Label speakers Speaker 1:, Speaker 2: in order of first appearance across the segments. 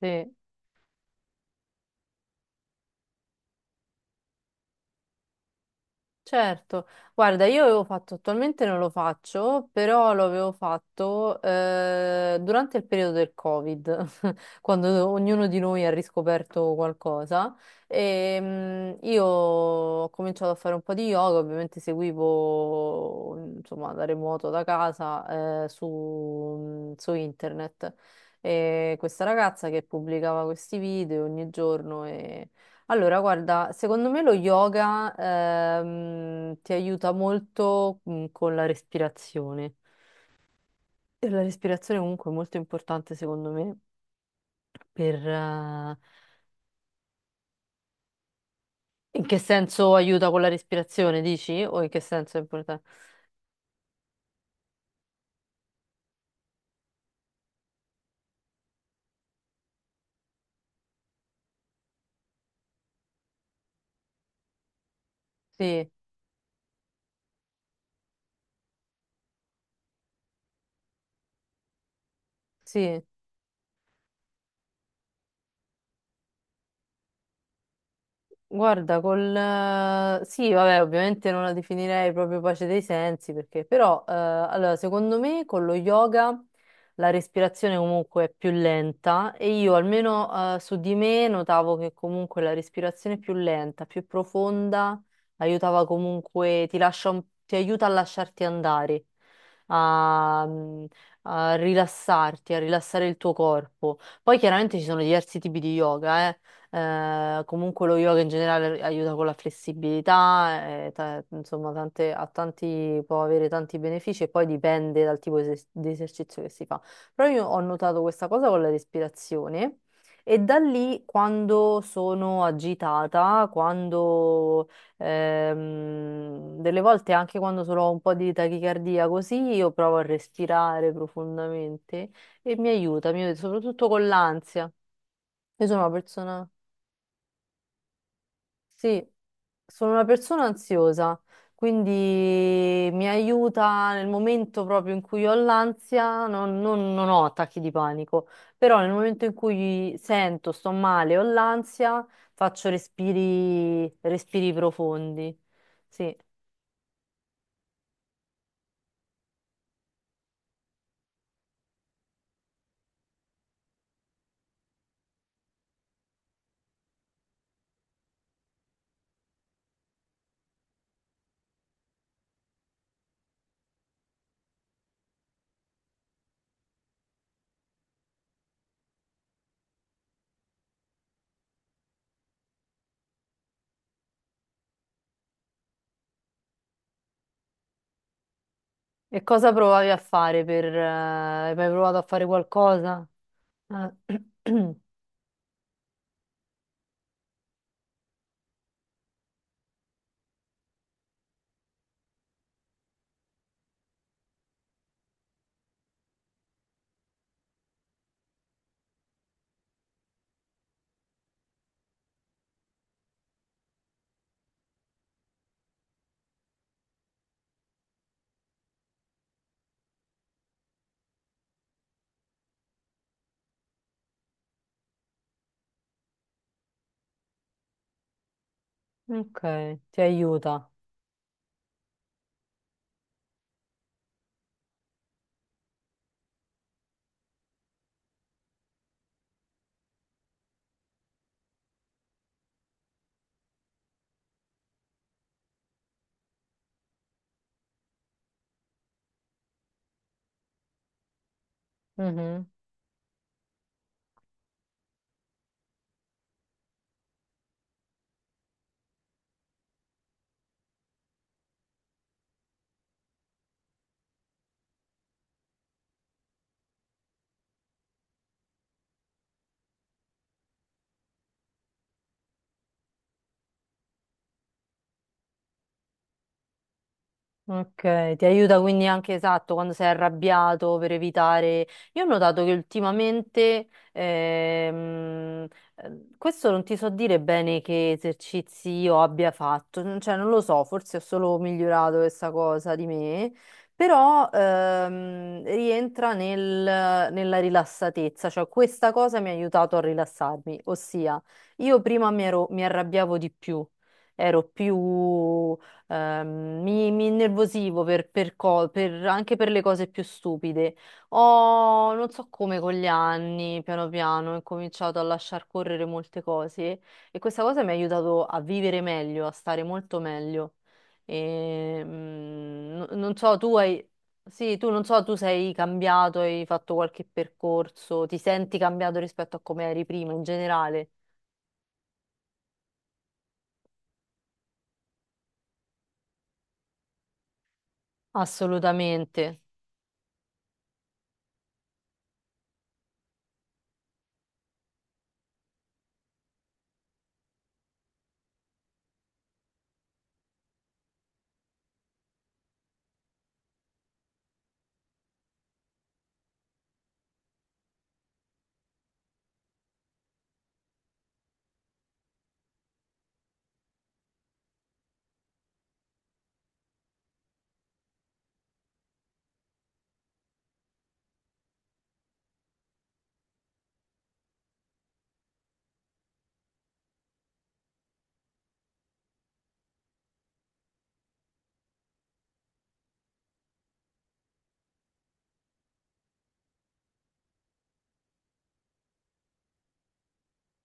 Speaker 1: Sì, certo. Guarda, io avevo fatto, attualmente non lo faccio, però lo avevo fatto durante il periodo del Covid. Quando ognuno di noi ha riscoperto qualcosa. E, io ho cominciato a fare un po' di yoga, ovviamente seguivo insomma da remoto da casa su internet. E questa ragazza che pubblicava questi video ogni giorno e allora, guarda, secondo me lo yoga ti aiuta molto con la respirazione. E la respirazione comunque è molto importante secondo me per. In che senso aiuta con la respirazione, dici? O in che senso è importante? Sì, sì. Guarda, sì, vabbè, ovviamente non la definirei proprio pace dei sensi, perché però, allora, secondo me con lo yoga la respirazione comunque è più lenta e io almeno su di me notavo che comunque la respirazione più lenta, più profonda, aiutava comunque, ti lascia ti aiuta a lasciarti andare, a a rilassarti, a rilassare il tuo corpo. Poi chiaramente ci sono diversi tipi di yoga, eh. Comunque lo yoga in generale aiuta con la flessibilità, insomma, può avere tanti benefici e poi dipende dal tipo di esercizio che si fa. Però io ho notato questa cosa con la respirazione e da lì quando sono agitata, quando delle volte anche quando solo ho un po' di tachicardia così, io provo a respirare profondamente e mi aiuta soprattutto con l'ansia. Io sono una persona, sì, sono una persona ansiosa, quindi mi aiuta nel momento proprio in cui ho l'ansia, non ho attacchi di panico, però nel momento in cui sento, sto male, ho l'ansia, faccio respiri, respiri profondi. Sì. E cosa provavi a fare hai mai provato a fare qualcosa? Ah, Ok, ti aiuta. Mhm. Ok, ti aiuta quindi anche esatto quando sei arrabbiato per evitare. Io ho notato che ultimamente, questo non ti so dire bene che esercizi io abbia fatto, cioè non lo so, forse ho solo migliorato questa cosa di me, però rientra nella rilassatezza, cioè questa cosa mi ha aiutato a rilassarmi, ossia io prima mi arrabbiavo di più, ero più. Mi innervosivo anche per le cose più stupide. Ho, non so come, con gli anni, piano piano, ho incominciato a lasciar correre molte cose e questa cosa mi ha aiutato a vivere meglio, a stare molto meglio. E, non so, tu hai... Sì, tu non so, tu sei cambiato, hai fatto qualche percorso, ti senti cambiato rispetto a come eri prima in generale? Assolutamente,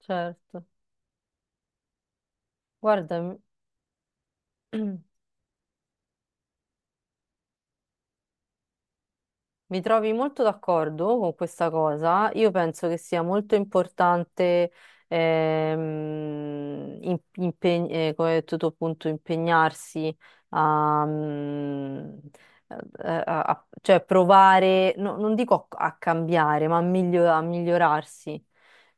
Speaker 1: certo. Guarda, mi trovi molto d'accordo con questa cosa. Io penso che sia molto importante come hai detto tu, appunto, impegnarsi a, mm, a- a- a- cioè provare, non dico a cambiare, ma a a migliorarsi.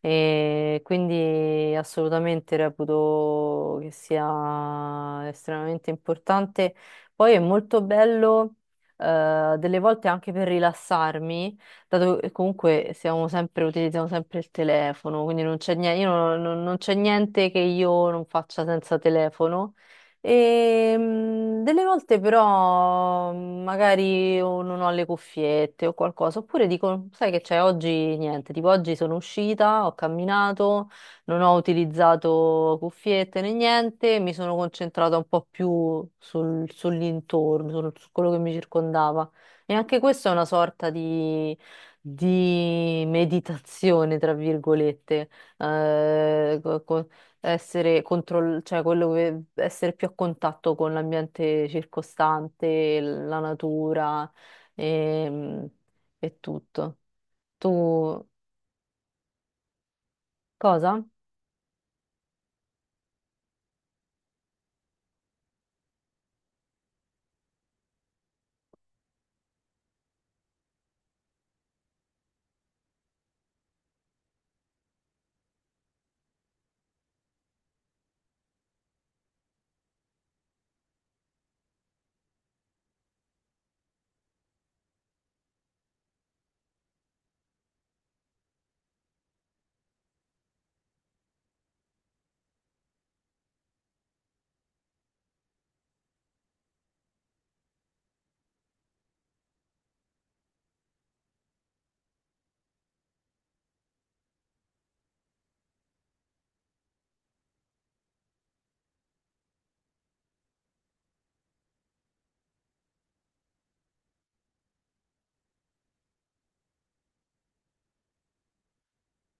Speaker 1: E quindi assolutamente reputo che sia estremamente importante. Poi è molto bello, delle volte anche per rilassarmi, dato che comunque siamo sempre, utilizziamo sempre il telefono, quindi non c'è niente, io non, non- non c'è niente che io non faccia senza telefono. E, delle volte però magari o non ho le cuffiette o qualcosa, oppure dico, sai che c'è, oggi niente, tipo oggi sono uscita, ho camminato, non ho utilizzato cuffiette né niente, mi sono concentrata un po' più sull'intorno, su quello che mi circondava. E anche questa è una sorta di meditazione, tra virgolette. Eh, co- co- essere cioè essere più a contatto con l'ambiente circostante, la natura ehm, e, tutto. Tu cosa?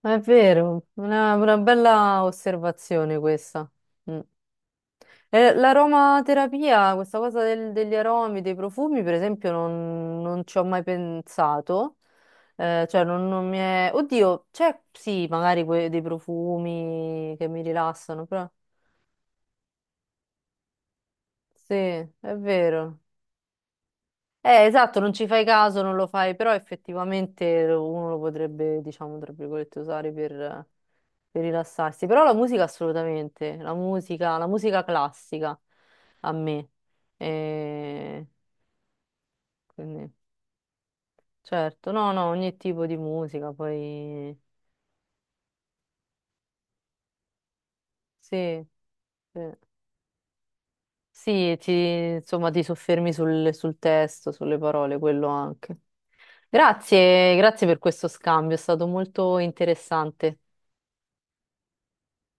Speaker 1: È vero, una bella osservazione questa. Mm. L'aromaterapia, questa cosa degli aromi, dei profumi, per esempio, non ci ho mai pensato. Cioè, non mi è... Oddio, c'è sì, magari dei profumi che mi rilassano, però... Sì, è vero. Esatto, non ci fai caso, non lo fai, però effettivamente uno lo potrebbe, diciamo, tra virgolette, usare per rilassarsi. Però la musica assolutamente, la musica classica a me. Eh, quindi, certo, no, no, ogni tipo di musica, poi sì, sì, sì, ti, insomma, ti soffermi sul testo, sulle parole, quello anche. Grazie, grazie per questo scambio, è stato molto interessante.